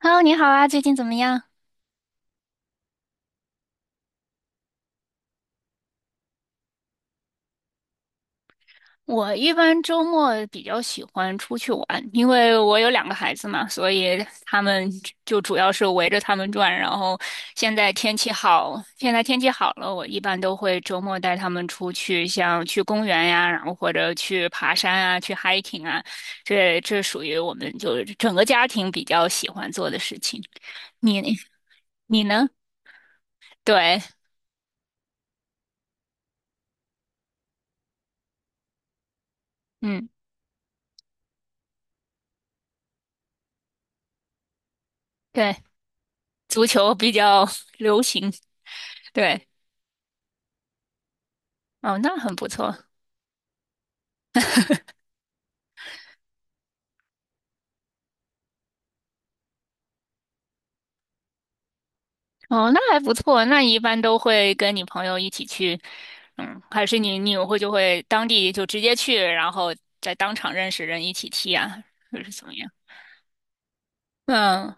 Hello，你好啊，最近怎么样？我一般周末比较喜欢出去玩，因为我有两个孩子嘛，所以他们就主要是围着他们转。然后现在天气好了，我一般都会周末带他们出去，像去公园呀，然后或者去爬山啊，去 hiking 啊，这属于我们就是整个家庭比较喜欢做的事情。你你呢？对。嗯，对，足球比较 流行。对。哦，那很不错。哦，那还不错。那你一般都会跟你朋友一起去，嗯，还是你会就会当地就直接去，然后在当场认识人一起踢啊，或者是怎么样？嗯，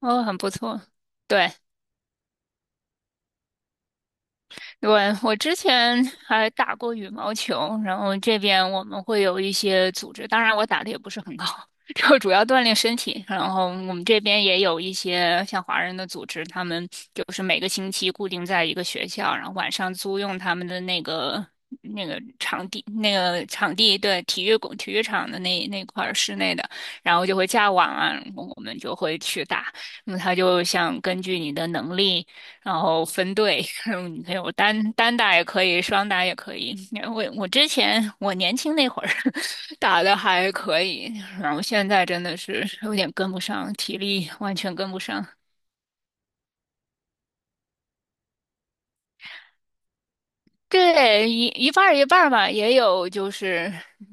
哦，很不错。对。对，我之前还打过羽毛球，然后这边我们会有一些组织，当然我打的也不是很高，就主要锻炼身体。然后我们这边也有一些像华人的组织，他们就是每个星期固定在一个学校，然后晚上租用他们的那个那个场地,对体育馆、体育场的那块儿室内的，然后就会架网啊，我们就会去打。那么他就想根据你的能力。然后分队，嗯，有单打也可以，双打也可以。我之前我年轻那会儿 打的还可以，然后现在真的是有点跟不上，体力完全跟不上。对，一半儿一半儿吧，也有就是，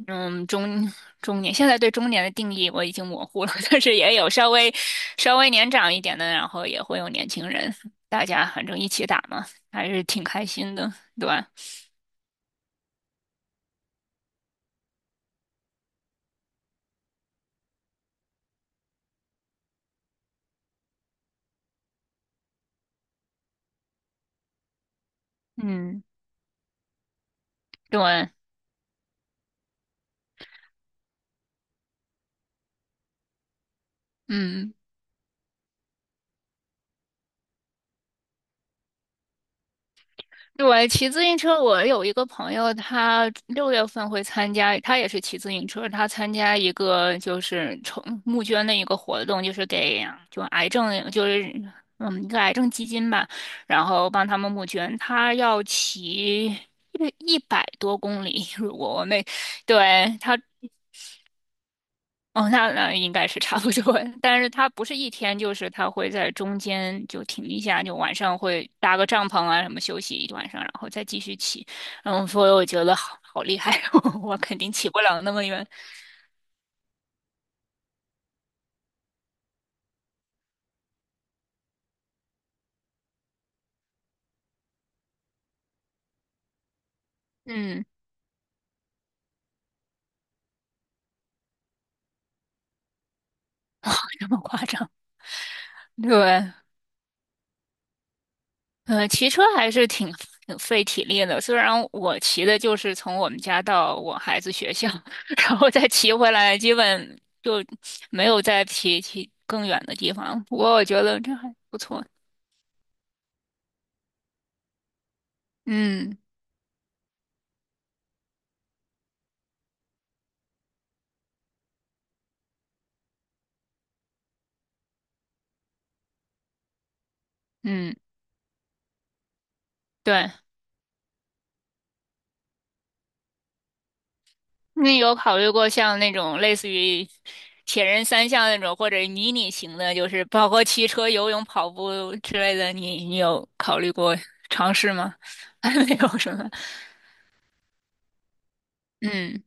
嗯，中年，现在对中年的定义我已经模糊了，但是也有稍微年长一点的，然后也会有年轻人，大家反正一起打嘛，还是挺开心的，对吧？嗯，对，嗯。对，骑自行车，我有一个朋友，他六月份会参加，他也是骑自行车，他参加一个就是筹募捐的一个活动，就是给就癌症就是嗯一个癌症基金吧，然后帮他们募捐，他要骑一百多公里，如果我没对他。哦，那那应该是差不多，但是它不是一天，就是它会在中间就停一下，就晚上会搭个帐篷啊什么休息一晚上，然后再继续骑。嗯，所以我觉得好厉害，我肯定骑不了那么远。嗯，这么夸张？对，骑车还是挺费体力的。虽然我骑的就是从我们家到我孩子学校，然后再骑回来，基本就没有再骑更远的地方。不过我觉得这还不错。嗯嗯，对，那有考虑过像那种类似于铁人三项那种，或者迷你型的，就是包括骑车、游泳、跑步之类的，你有考虑过尝试吗？还没有什么。嗯，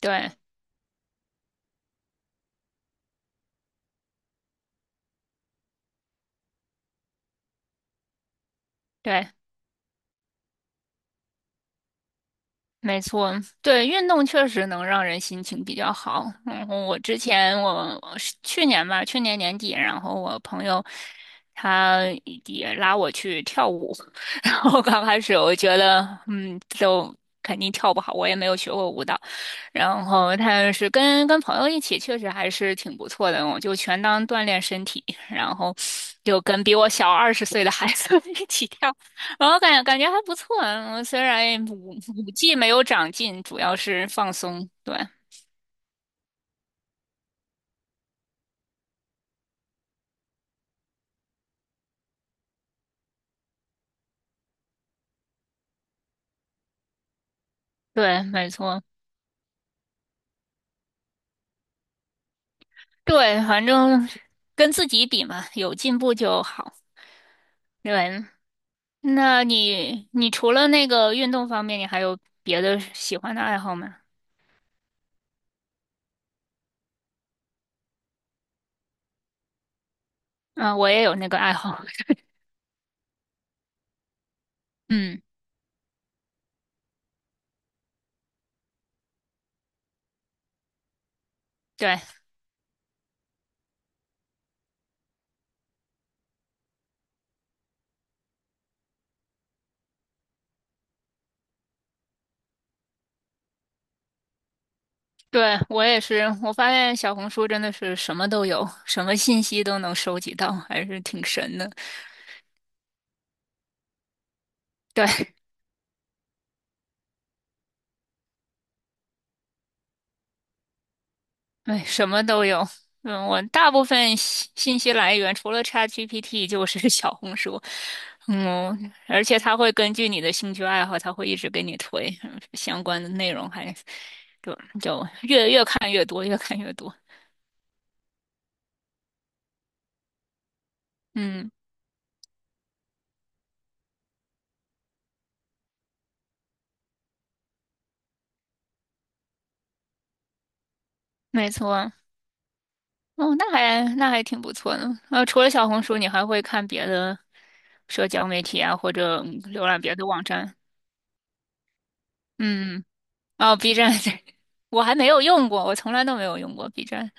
对对，没错，对，运动确实能让人心情比较好。然后我之前我是去年吧，去年年底，然后我朋友他也拉我去跳舞，然后刚开始我觉得嗯，都肯定跳不好，我也没有学过舞蹈。然后但是跟朋友一起，确实还是挺不错的，我就全当锻炼身体，然后就跟比我小二十岁的孩子 一起跳。我感觉还不错，嗯虽然五技没有长进，主要是放松。对对，没错，对，反正跟自己比嘛，有进步就好。对，那你除了那个运动方面，你还有别的喜欢的爱好吗？嗯，我也有那个爱好。嗯，对对，我也是。我发现小红书真的是什么都有，什么信息都能收集到，还是挺神的。对，哎，什么都有。嗯，我大部分信息来源除了 ChatGPT 就是 小红书。嗯，而且它会根据你的兴趣爱好，它会一直给你推嗯相关的内容还，就就越看越多，越看越多。嗯，没错。哦，那还挺不错的。呃，除了小红书，你还会看别的社交媒体啊，或者嗯浏览别的网站？嗯，哦，B 站，我还没有用过，我从来都没有用过 B 站。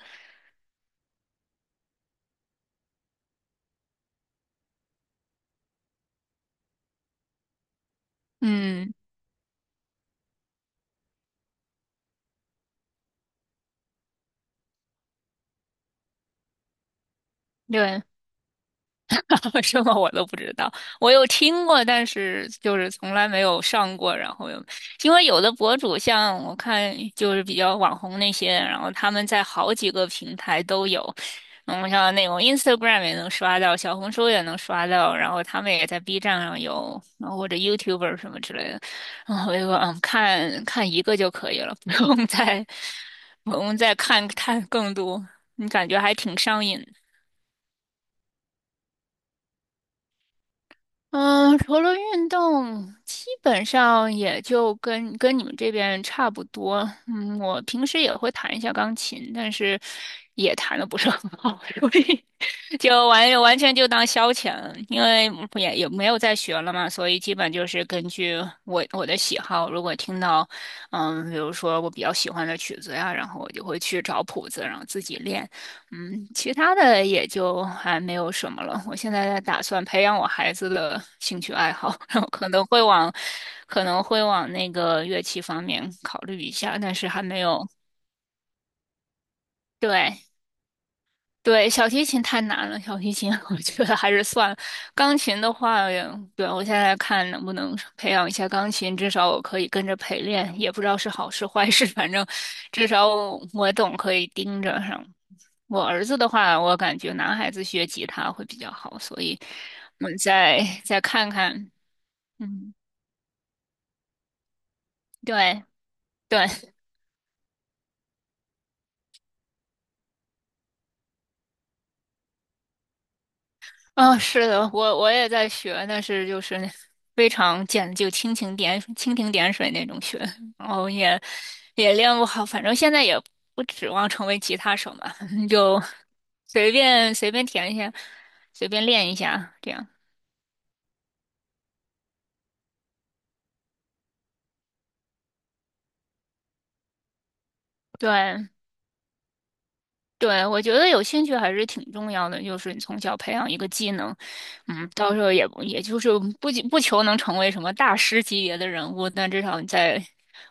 嗯，对，为什么我都不知道，我有听过，但是就是从来没有上过。然后有，因为有的博主像我看就是比较网红那些，然后他们在好几个平台都有，嗯，像那种 Instagram 也能刷到，小红书也能刷到，然后他们也在 B 站上有，然后或者 YouTuber 什么之类的。然后我就说，嗯，看看一个就可以了，不用再看看更多。你感觉还挺上瘾嗯，除了运动，基本上也就跟你们这边差不多。嗯，我平时也会弹一下钢琴，但是也弹的不是很好，所以就完完全就当消遣了，因为也没有在学了嘛，所以基本就是根据我的喜好，如果听到，嗯，比如说我比较喜欢的曲子呀，然后我就会去找谱子，然后自己练，嗯，其他的也就还没有什么了。我现在在打算培养我孩子的兴趣爱好，然后可能会往那个乐器方面考虑一下，但是还没有，对，对，小提琴太难了，小提琴 我觉得还是算了。钢琴的话，对，我现在看能不能培养一下钢琴，至少我可以跟着陪练，也不知道是好事坏事，反正至少我总可以盯着上。我儿子的话，我感觉男孩子学吉他会比较好，所以我们再看看。嗯，对对，啊、是的，我也在学，但是就是非常简，就蜻蜓点水那种学，然后也练不好，反正现在也不指望成为吉他手嘛，就随便填一下，随便练一下这样。对，对，我觉得有兴趣还是挺重要的，就是你从小培养一个技能，嗯，到时候也就是不仅不求能成为什么大师级别的人物，但至少你在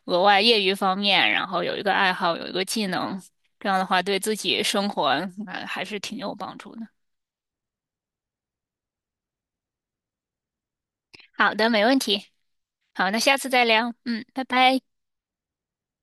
额外业余方面，然后有一个爱好，有一个技能，这样的话对自己生活，呃还是挺有帮助的。好的，没问题。好，那下次再聊。嗯，拜拜。